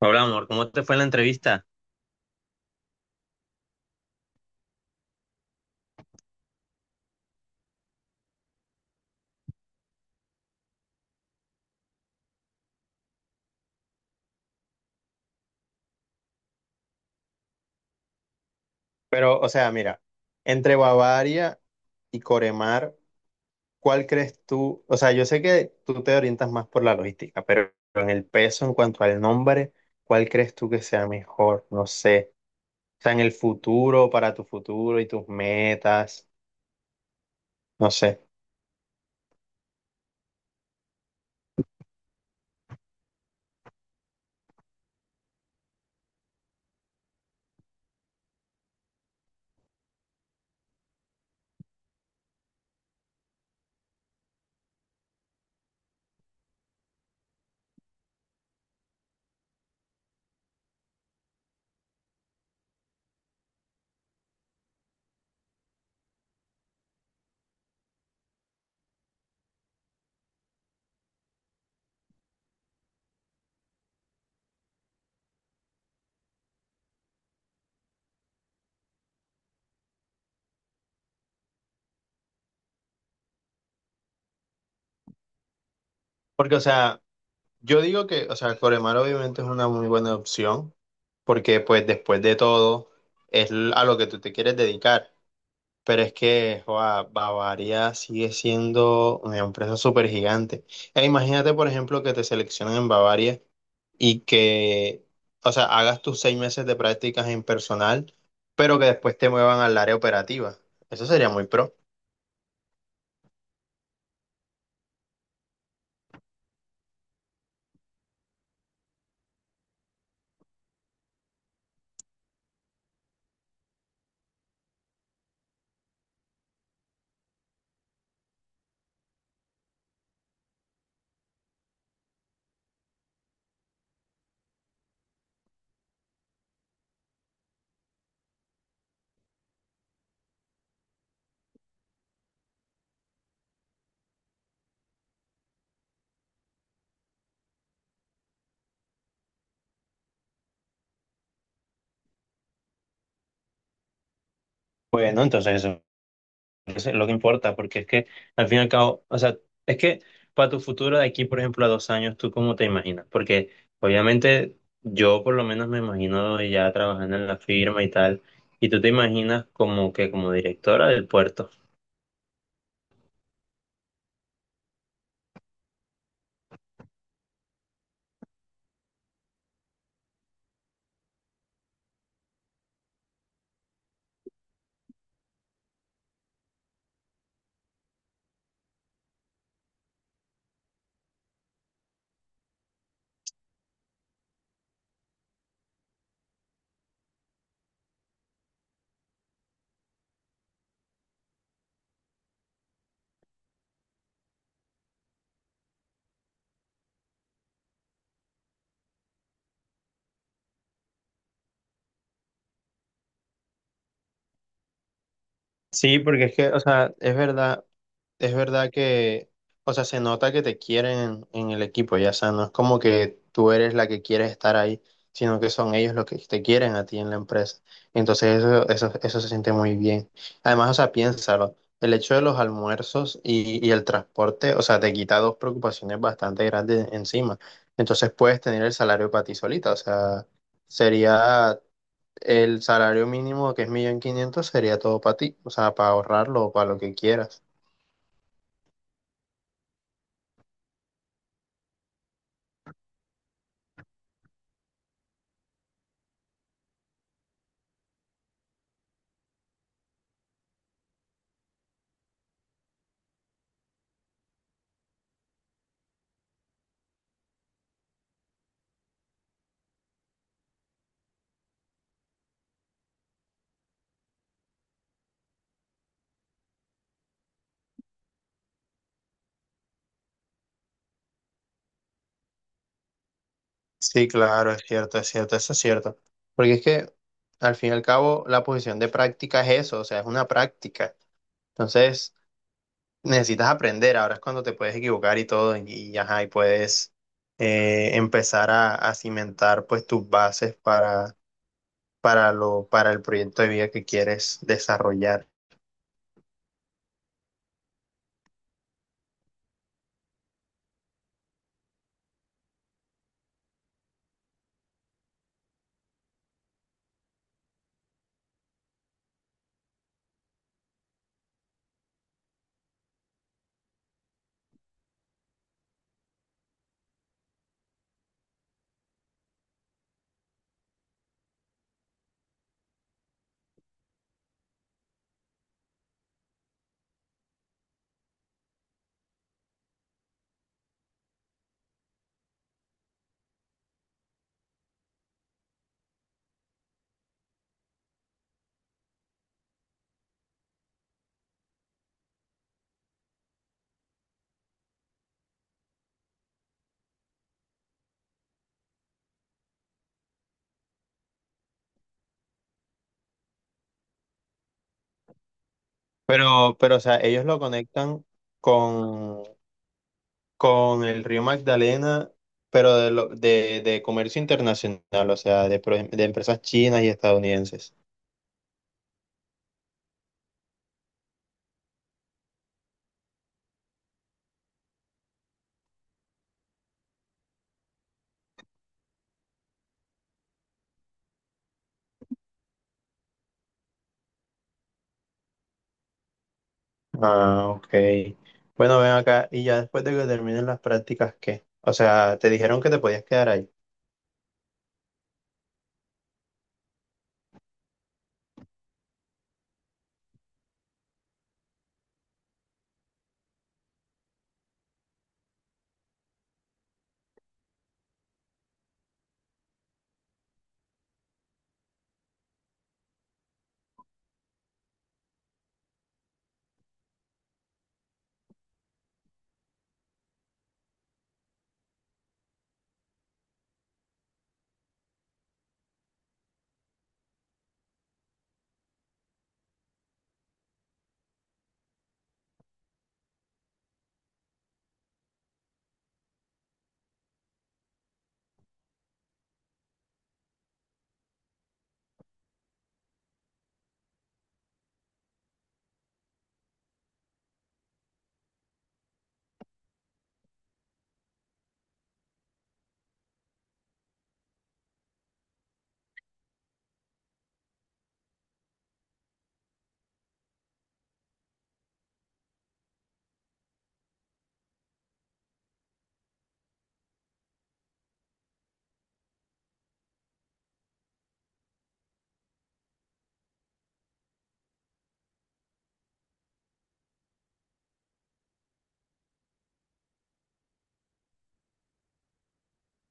Hola, amor, ¿cómo te fue en la entrevista? Pero, o sea, mira, entre Bavaria y Coremar, ¿cuál crees tú? O sea, yo sé que tú te orientas más por la logística, pero en el peso, en cuanto al nombre, ¿cuál crees tú que sea mejor? No sé. O sea, en el futuro, para tu futuro y tus metas, no sé. Porque, o sea, yo digo que, o sea, Coremar obviamente es una muy buena opción, porque pues después de todo es a lo que tú te quieres dedicar. Pero es que joa, Bavaria sigue siendo una empresa súper gigante. E imagínate, por ejemplo, que te seleccionen en Bavaria y que, o sea, hagas tus seis meses de prácticas en personal, pero que después te muevan al área operativa. Eso sería muy pro. Bueno, entonces eso. Eso es lo que importa, porque es que al fin y al cabo, o sea, es que para tu futuro de aquí, por ejemplo, a dos años, ¿tú cómo te imaginas? Porque obviamente yo por lo menos me imagino ya trabajando en la firma y tal, y tú te imaginas como que como directora del puerto. Sí, porque es que, o sea, es verdad que, o sea, se nota que te quieren en el equipo, ya, o sea, no es como que tú eres la que quieres estar ahí, sino que son ellos los que te quieren a ti en la empresa. Entonces eso se siente muy bien. Además, o sea, piénsalo, el hecho de los almuerzos y el transporte, o sea, te quita dos preocupaciones bastante grandes encima. Entonces puedes tener el salario para ti solita, o sea, sería el salario mínimo que es millón quinientos sería todo para ti, o sea, para ahorrarlo o para lo que quieras. Sí, claro, es cierto, eso es cierto. Porque es que al fin y al cabo la posición de práctica es eso, o sea, es una práctica. Entonces, necesitas aprender, ahora es cuando te puedes equivocar y todo, ajá, y puedes empezar a cimentar pues tus bases para lo, para el proyecto de vida que quieres desarrollar. Pero, o sea, ellos lo conectan con con el río Magdalena, pero de, lo- de comercio internacional, o sea, de, pro- de empresas chinas y estadounidenses. Ah, ok. Bueno, ven acá y ya después de que terminen las prácticas, ¿qué? O sea, te dijeron que te podías quedar allá.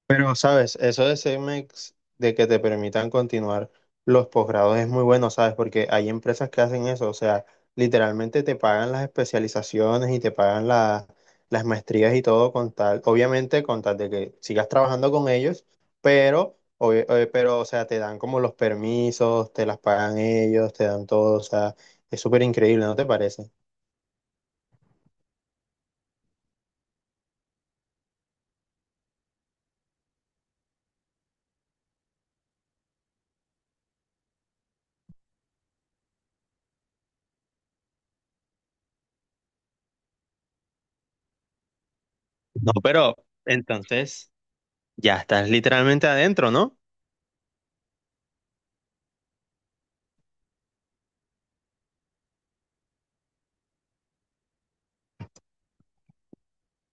Pero, ¿sabes? Eso de CEMEX, de que te permitan continuar los posgrados es muy bueno, ¿sabes? Porque hay empresas que hacen eso, o sea, literalmente te pagan las especializaciones y te pagan la- las maestrías y todo con tal, obviamente con tal de que sigas trabajando con ellos, pero, pero, o sea, te dan como los permisos, te las pagan ellos, te dan todo, o sea, es súper increíble, ¿no te parece? No, pero entonces ya estás literalmente adentro, ¿no?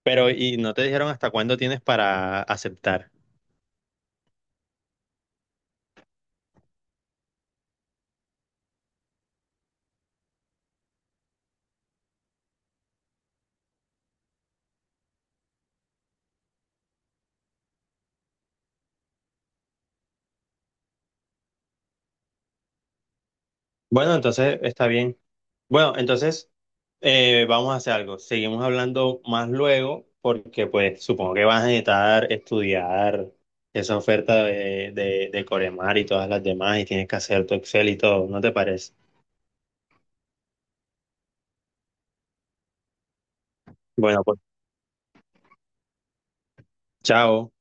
Pero, ¿y no te dijeron hasta cuándo tienes para aceptar? Bueno, entonces está bien. Bueno, entonces vamos a hacer algo. Seguimos hablando más luego porque pues supongo que vas a necesitar estudiar esa oferta de Coremar y todas las demás y tienes que hacer tu Excel y todo, ¿no te parece? Bueno, pues chao.